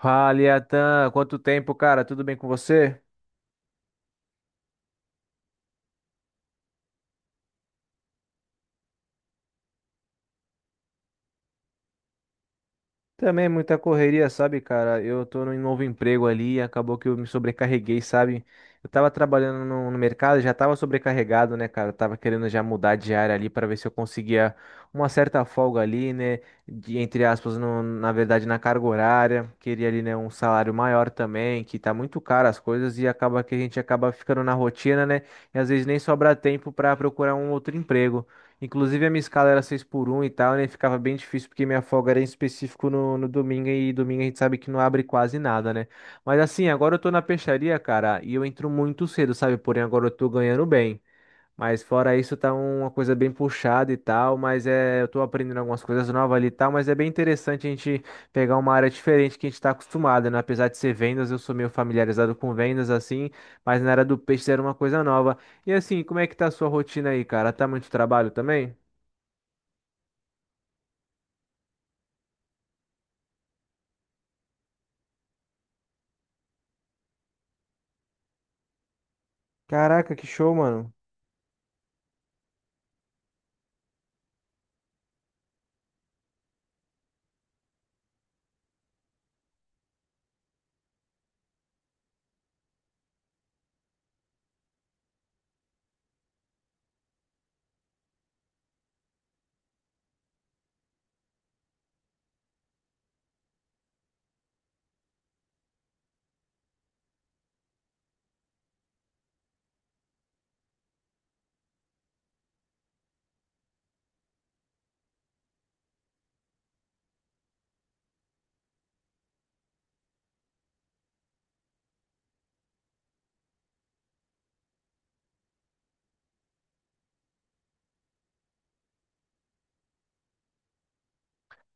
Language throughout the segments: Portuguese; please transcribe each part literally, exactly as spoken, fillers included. Fala, Atan, quanto tempo, cara? Tudo bem com você? Também muita correria, sabe, cara? Eu tô num novo emprego ali e acabou que eu me sobrecarreguei, sabe? Eu tava trabalhando no, no mercado, já tava sobrecarregado, né, cara? Eu tava querendo já mudar de área ali pra ver se eu conseguia uma certa folga ali, né? De, entre aspas, no- na verdade, na carga horária. Queria ali, né, um salário maior também, que tá muito caro as coisas e acaba que a gente acaba ficando na rotina, né? E às vezes nem sobra tempo pra procurar um outro emprego. Inclusive, a minha escala era seis por um e tal, né? Ficava bem difícil porque minha folga era em específico no, no domingo e domingo a gente sabe que não abre quase nada, né? Mas assim, agora eu tô na peixaria, cara, e eu entro muito cedo, sabe? Porém, agora eu tô ganhando bem. Mas fora isso, tá um, uma coisa bem puxada e tal. Mas é, eu tô aprendendo algumas coisas novas ali e tal. Mas é bem interessante a gente pegar uma área diferente que a gente tá acostumado, né? Apesar de ser vendas, eu sou meio familiarizado com vendas assim. Mas na área do peixe era uma coisa nova. E assim, como é que tá a sua rotina aí, cara? Tá muito trabalho também? Caraca, que show, mano.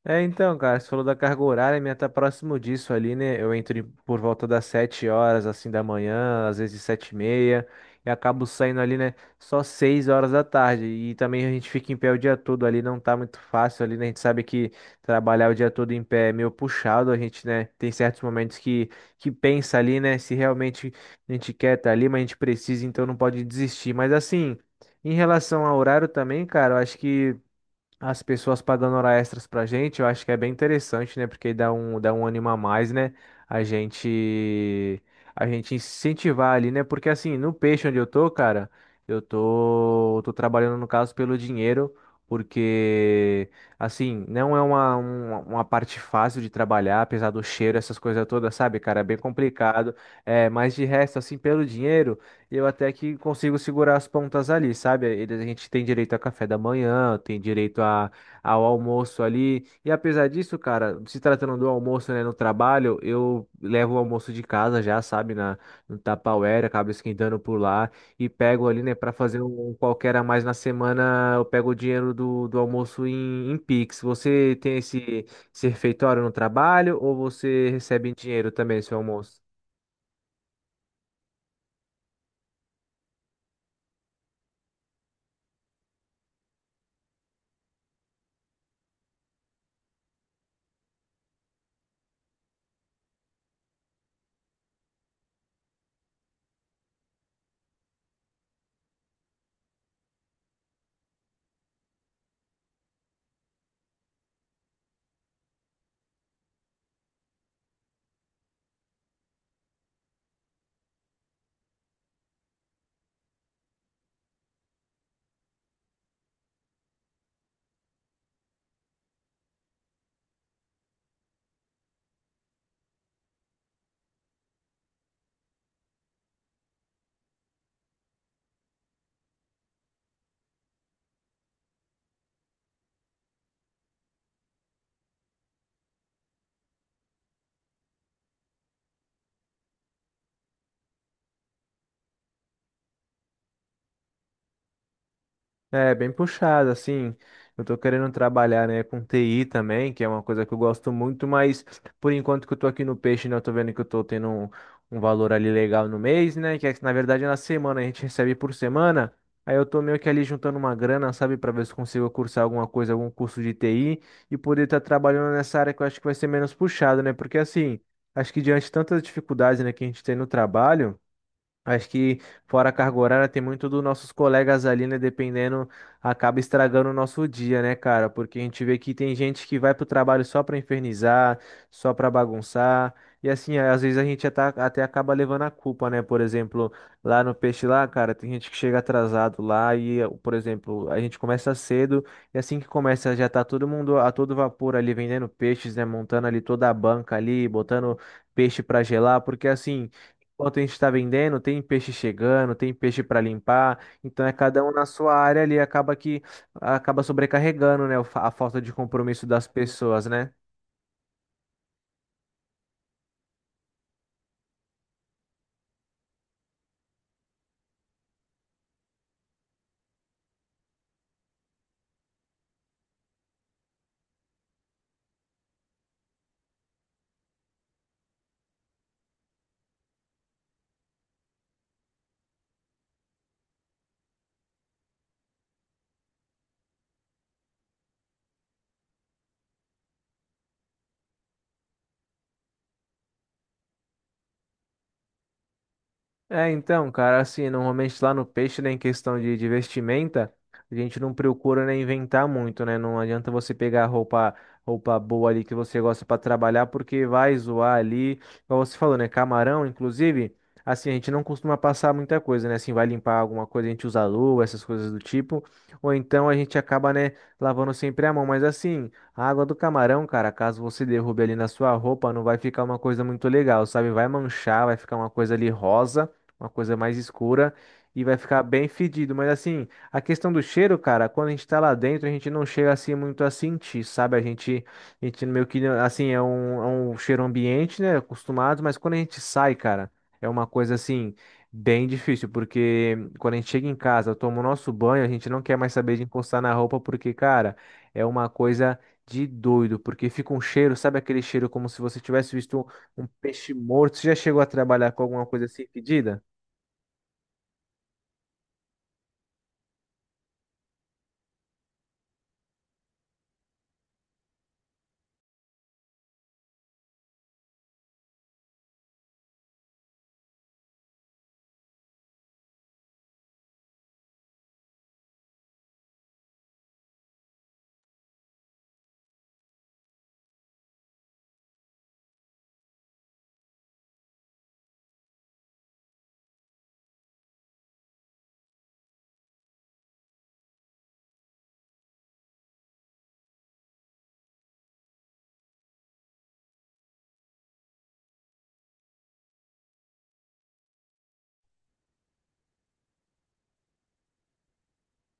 É, então, cara, você falou da carga horária, minha tá próximo disso ali, né? Eu entro em- por volta das sete horas, assim, da manhã, às vezes sete e meia, e acabo saindo ali, né, só seis horas da tarde. E também a gente fica em pé o dia todo ali, não tá muito fácil ali, né? A gente sabe que trabalhar o dia todo em pé é meio puxado, a gente, né, tem certos momentos que, que pensa ali, né, se realmente a gente quer tá ali, mas a gente precisa, então não pode desistir. Mas assim, em relação ao horário também, cara, eu acho que. As pessoas pagando hora extras pra gente, eu acho que é bem interessante, né? Porque dá um, dá um ânimo a mais, né? A gente, a gente incentivar ali, né? Porque assim, no peixe onde eu tô, cara, eu tô, tô trabalhando no caso pelo dinheiro, porque assim, não é uma, uma, uma parte fácil de trabalhar, apesar do cheiro, essas coisas todas, sabe, cara? É bem complicado. É, mas de resto, assim, pelo dinheiro. Eu até que consigo segurar as pontas ali, sabe? Eles- A gente tem direito a café da manhã, tem direito a, ao almoço ali. E apesar disso, cara, se tratando do almoço, né, no trabalho, eu levo o almoço de casa já, sabe? Na, no Tupperware, acabo esquentando por lá e pego ali, né, para fazer um um qualquer a mais na semana, eu pego o dinheiro do, do almoço em, em Pix. Você tem esse, esse refeitório no trabalho ou você recebe em dinheiro também, seu almoço? É, bem puxado, assim. Eu tô querendo trabalhar, né, com T I também, que é uma coisa que eu gosto muito, mas por enquanto que eu tô aqui no peixe, né, eu tô vendo que eu tô tendo um, um valor ali legal no mês, né, que é, que, na verdade é na semana, a gente recebe por semana. Aí eu tô meio que ali juntando uma grana, sabe, pra ver se consigo cursar alguma coisa, algum curso de T I e poder estar trabalhando nessa área que eu acho que vai ser menos puxado, né? Porque assim, acho que diante de tantas dificuldades, né, que a gente tem no trabalho, acho que fora a carga horária tem muito dos nossos colegas ali, né? Dependendo, acaba estragando o nosso dia, né, cara? Porque a gente vê que tem gente que vai pro trabalho só pra infernizar, só pra bagunçar. E assim, às vezes a gente ata- até acaba levando a culpa, né? Por exemplo, lá no peixe lá, cara, tem gente que chega atrasado lá e, por exemplo, a gente começa cedo e assim que começa já tá todo mundo a todo vapor ali vendendo peixes, né? Montando ali toda a banca ali, botando peixe pra gelar, porque assim. Enquanto a gente está vendendo, tem peixe chegando, tem peixe para limpar, então é cada um na sua área ali, acaba que acaba sobrecarregando, né, o fa- a falta de compromisso das pessoas, né? É, então, cara, assim, normalmente lá no peixe, né, em questão de, de vestimenta, a gente não procura, né, inventar muito, né? Não adianta você pegar roupa, roupa boa ali que você gosta pra trabalhar, porque vai zoar ali. Como você falou, né, camarão, inclusive, assim, a gente não costuma passar muita coisa, né? Assim, vai limpar alguma coisa, a gente usa luva, essas coisas do tipo, ou então a gente acaba, né, lavando sempre a mão. Mas assim, a água do camarão, cara, caso você derrube ali na sua roupa, não vai ficar uma coisa muito legal, sabe? Vai manchar, vai ficar uma coisa ali rosa uma coisa mais escura e vai ficar bem fedido. Mas assim, a questão do cheiro, cara, quando a gente tá lá dentro, a gente não chega assim muito a sentir, sabe? A gente, a gente meio que assim, é um, é um cheiro ambiente, né? Acostumado, mas quando a gente sai, cara, é uma coisa assim. Bem difícil, porque quando a gente chega em casa, toma o nosso banho, a gente não quer mais saber de encostar na roupa, porque, cara, é uma coisa de doido, porque fica um cheiro, sabe aquele cheiro como se você tivesse visto um um peixe morto? Você já chegou a trabalhar com alguma coisa assim fedida?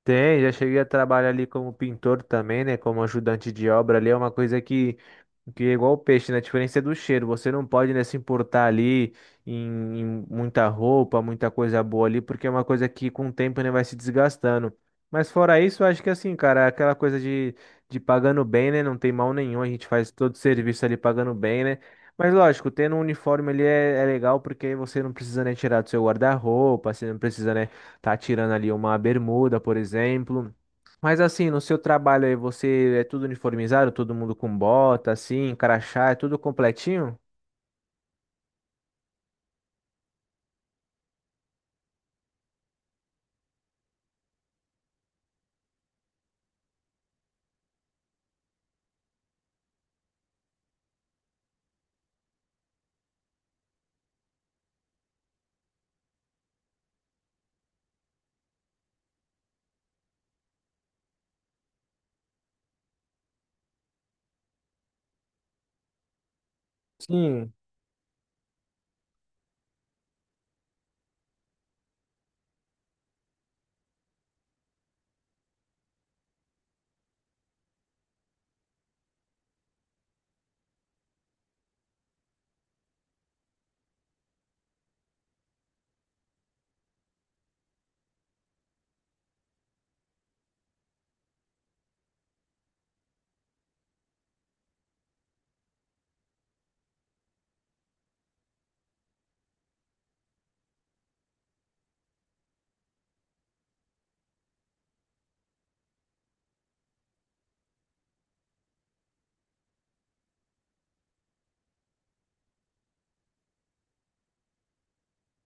Tem, já cheguei a trabalhar ali como pintor também, né? Como ajudante de obra ali. É uma coisa que que é igual o peixe, né? A diferença é do cheiro. Você não pode, né, se importar ali em, em muita roupa, muita coisa boa ali, porque é uma coisa que com o tempo, né, vai se desgastando. Mas fora isso, eu acho que assim, cara, é aquela coisa de, de pagando bem, né? Não tem mal nenhum, a gente faz todo o serviço ali pagando bem, né? Mas lógico, tendo um uniforme ali é, é legal porque aí você não precisa, né, tirar do seu guarda-roupa, você não precisa, né, tá tirando ali uma bermuda, por exemplo. Mas assim, no seu trabalho aí, você é tudo uniformizado, todo mundo com bota, assim, crachá, é tudo completinho? Sim,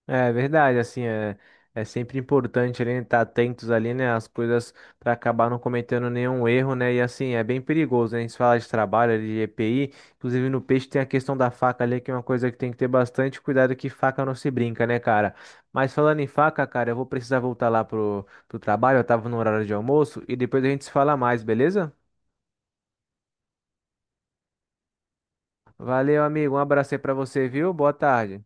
é verdade, assim, é, é sempre importante ali, né, estar atentos ali, né, às coisas para acabar não cometendo nenhum erro, né, e assim, é bem perigoso, né, a gente fala de trabalho, ali, de E P I, inclusive no peixe tem a questão da faca ali, que é uma coisa que tem que ter bastante cuidado, que faca não se brinca, né, cara. Mas falando em faca, cara, eu vou precisar voltar lá pro, pro trabalho, eu tava no horário de almoço, e depois a gente se fala mais, beleza? Valeu, amigo. Um abraço aí pra você, viu? Boa tarde.